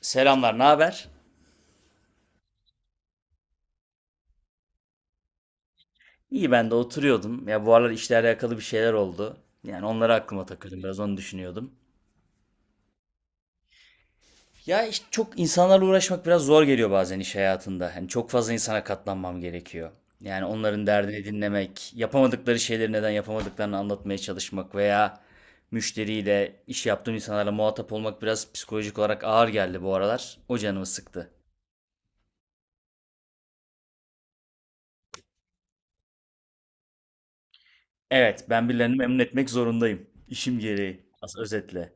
Selamlar, ne haber? İyi ben de oturuyordum. Ya bu aralar işle alakalı bir şeyler oldu. Yani onları aklıma takıldım, biraz onu düşünüyordum. Ya işte çok insanlarla uğraşmak biraz zor geliyor bazen iş hayatında. Hani çok fazla insana katlanmam gerekiyor. Yani onların derdini dinlemek, yapamadıkları şeyleri neden yapamadıklarını anlatmaya çalışmak veya müşteriyle, iş yaptığım insanlarla muhatap olmak biraz psikolojik olarak ağır geldi bu aralar. O canımı sıktı. Evet, ben birilerini memnun etmek zorundayım. İşim gereği. As özetle.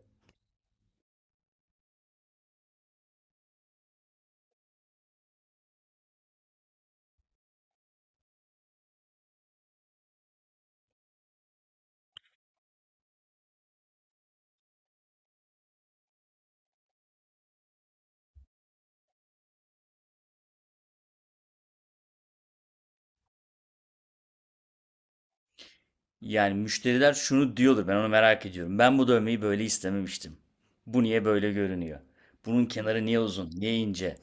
Yani müşteriler şunu diyordur, ben onu merak ediyorum. Ben bu dövmeyi böyle istememiştim. Bu niye böyle görünüyor? Bunun kenarı niye uzun, niye ince?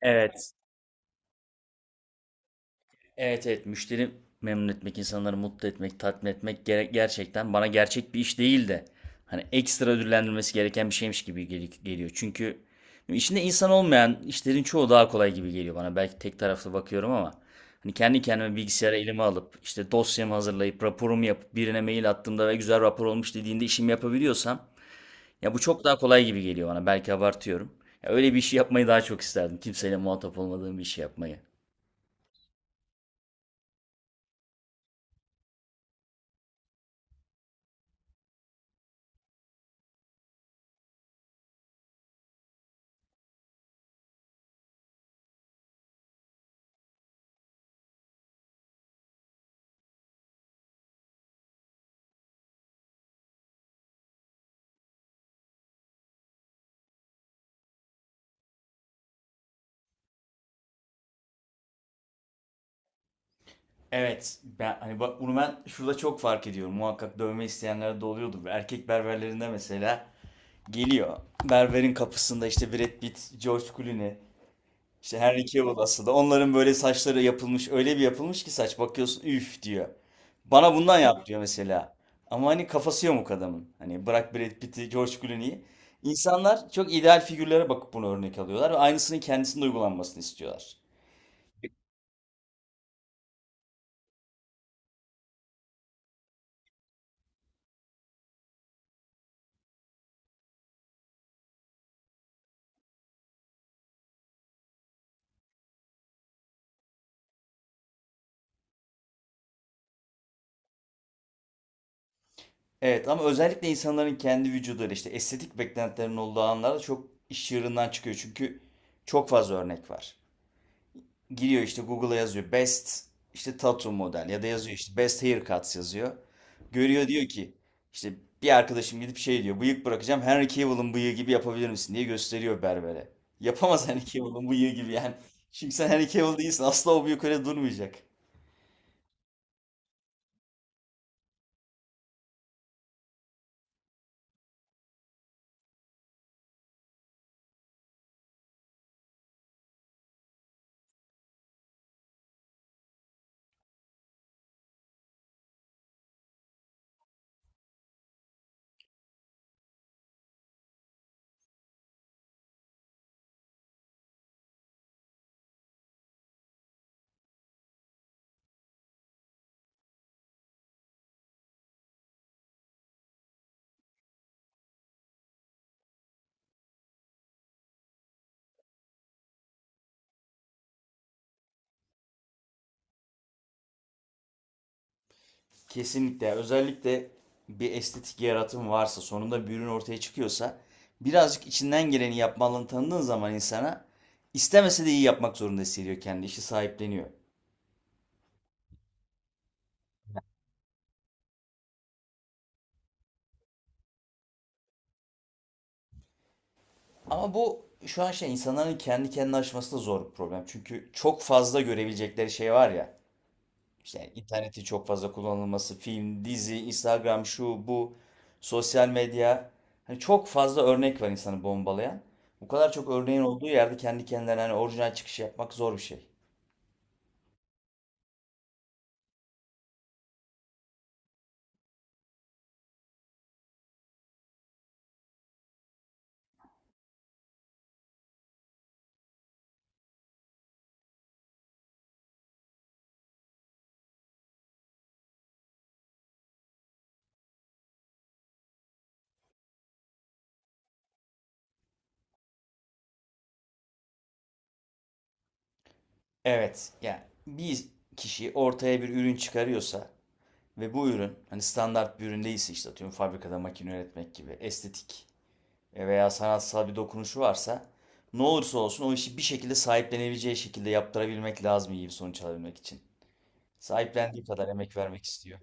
Evet. Evet, evet, müşteri memnun etmek, insanları mutlu etmek, tatmin etmek gerçekten bana gerçek bir iş değil de, hani ekstra ödüllendirilmesi gereken bir şeymiş gibi geliyor. Çünkü içinde insan olmayan işlerin çoğu daha kolay gibi geliyor bana. Belki tek taraflı bakıyorum ama hani kendi kendime bilgisayara elime alıp işte dosyamı hazırlayıp raporumu yapıp birine mail attığımda ve güzel rapor olmuş dediğinde işimi yapabiliyorsam, ya bu çok daha kolay gibi geliyor bana. Belki abartıyorum. Ya öyle bir işi yapmayı daha çok isterdim. Kimseyle muhatap olmadığım bir işi yapmayı. Evet. Ben, hani bak, bunu ben şurada çok fark ediyorum. Muhakkak dövme isteyenler de oluyordur. Erkek berberlerinde mesela geliyor. Berberin kapısında işte Brad Pitt, George Clooney, işte Henry Cavill aslında. Onların böyle saçları yapılmış. Öyle bir yapılmış ki saç, bakıyorsun üf diyor. Bana bundan yap diyor mesela. Ama hani kafası yok adamın. Hani bırak Brad Pitt'i, George Clooney'i. İnsanlar çok ideal figürlere bakıp bunu örnek alıyorlar ve aynısının kendisinde uygulanmasını istiyorlar. Evet, ama özellikle insanların kendi vücuduyla işte estetik beklentilerinin olduğu anlarda çok iş yerinden çıkıyor. Çünkü çok fazla örnek var. Giriyor işte Google'a, yazıyor best, işte tattoo model, ya da yazıyor işte best haircuts yazıyor. Görüyor, diyor ki işte, bir arkadaşım gidip şey diyor, bıyık bırakacağım, Henry Cavill'ın bıyığı gibi yapabilir misin diye gösteriyor berbere. Yapamaz Henry Cavill'ın bıyığı gibi yani. Çünkü sen Henry Cavill değilsin, asla o bıyık öyle durmayacak. Kesinlikle. Özellikle bir estetik yaratım varsa, sonunda bir ürün ortaya çıkıyorsa, birazcık içinden geleni yapmalını tanıdığın zaman insana, istemese de iyi yapmak zorunda hissediyor, kendi işi sahipleniyor. Ama bu şu an şey, insanların kendi kendine aşması da zor bir problem. Çünkü çok fazla görebilecekleri şey var ya. İşte interneti çok fazla kullanılması, film, dizi, Instagram, şu, bu, sosyal medya. Hani çok fazla örnek var insanı bombalayan. Bu kadar çok örneğin olduğu yerde kendi kendilerine hani orijinal çıkış yapmak zor bir şey. Evet, yani bir kişi ortaya bir ürün çıkarıyorsa ve bu ürün hani standart bir ürün değilse, işte atıyorum fabrikada makine üretmek gibi, estetik veya sanatsal bir dokunuşu varsa, ne olursa olsun o işi bir şekilde sahiplenebileceği şekilde yaptırabilmek lazım iyi bir sonuç alabilmek için. Sahiplendiği kadar emek vermek istiyor.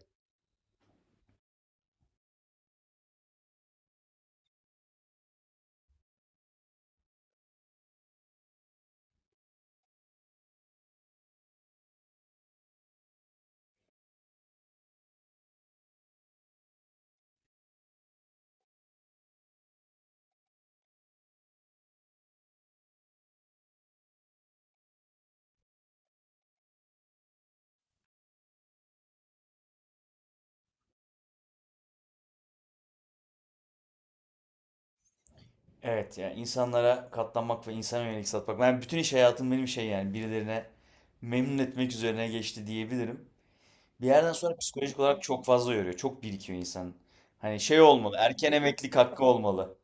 Evet, yani insanlara katlanmak ve insana yönelik satmak. Ben bütün iş hayatım benim şey yani, birilerine memnun etmek üzerine geçti diyebilirim. Bir yerden sonra psikolojik olarak çok fazla yoruyor. Çok birikiyor insan. Hani şey olmalı, erken emeklilik hakkı olmalı.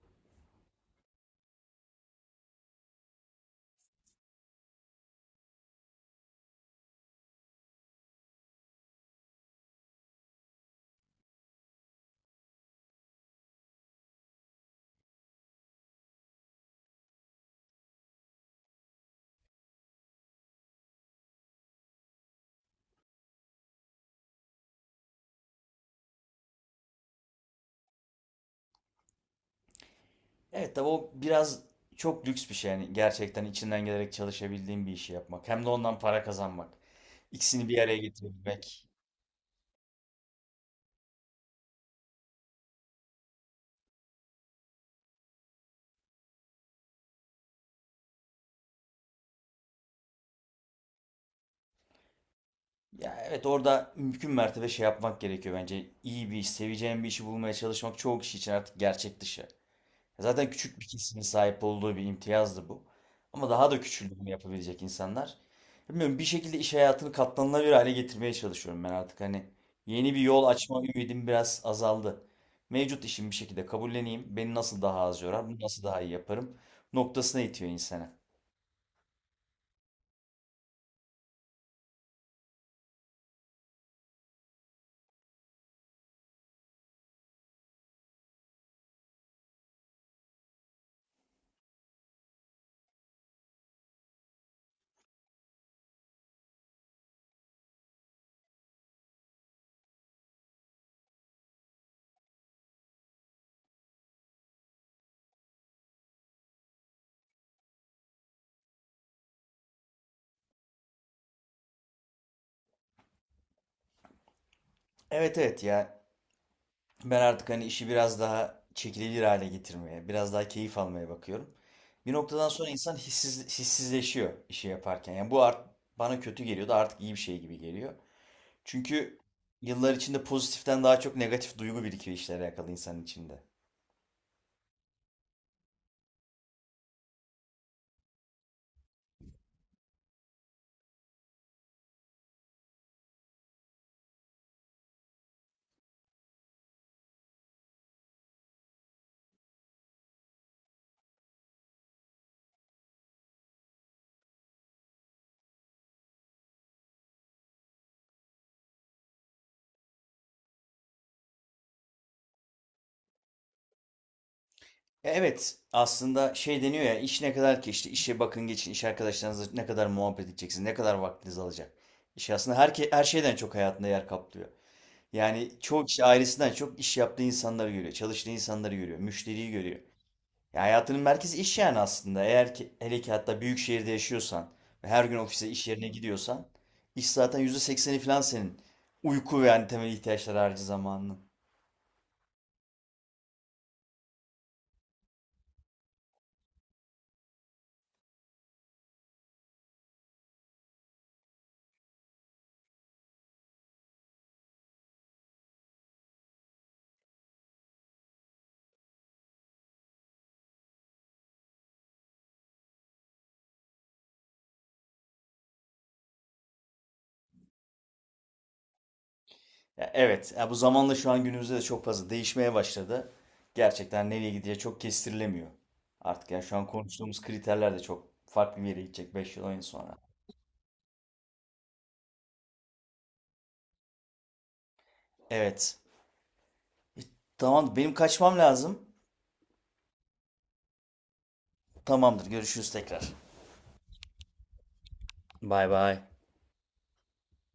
Evet tabii, o biraz çok lüks bir şey, yani gerçekten içinden gelerek çalışabildiğin bir işi yapmak. Hem de ondan para kazanmak. İkisini bir araya getirebilmek. Ya evet, orada mümkün mertebe şey yapmak gerekiyor bence. İyi bir iş, seveceğin bir işi bulmaya çalışmak çoğu kişi için artık gerçek dışı. Zaten küçük bir kesimin sahip olduğu bir imtiyazdı bu. Ama daha da küçüldüğünü yapabilecek insanlar. Bilmiyorum, bir şekilde iş hayatını katlanılabilir hale getirmeye çalışıyorum ben artık. Hani yeni bir yol açma ümidim biraz azaldı. Mevcut işimi bir şekilde kabulleneyim. Beni nasıl daha az yorar, bunu nasıl daha iyi yaparım noktasına itiyor insana. Evet, evet, ya, ben artık hani işi biraz daha çekilebilir hale getirmeye, biraz daha keyif almaya bakıyorum. Bir noktadan sonra insan hissizleşiyor işi yaparken. Yani bu bana kötü geliyordu, artık iyi bir şey gibi geliyor. Çünkü yıllar içinde pozitiften daha çok negatif duygu birikiyor işlere alakalı insanın içinde. Evet, aslında şey deniyor ya, iş ne kadar ki, işte işe bakın geçin, iş arkadaşlarınızla ne kadar muhabbet edeceksiniz, ne kadar vaktiniz alacak. İş aslında her şeyden çok hayatında yer kaplıyor. Yani çoğu kişi ailesinden çok iş yaptığı insanları görüyor, çalıştığı insanları görüyor, müşteriyi görüyor. Ya hayatının merkezi iş yani aslında. Eğer ki, hele ki, hatta büyük şehirde yaşıyorsan ve her gün ofise, iş yerine gidiyorsan, iş zaten %80'i falan senin. Uyku ve yani temel ihtiyaçlar harici zamanının. Ya evet, ya bu zamanla şu an günümüzde de çok fazla değişmeye başladı. Gerçekten nereye gideceği çok kestirilemiyor. Artık ya şu an konuştuğumuz kriterler de çok farklı bir yere gidecek 5 yıl 10 yıl sonra. Evet. E, Tamam, benim kaçmam lazım. Tamamdır, görüşürüz tekrar. Bay bay.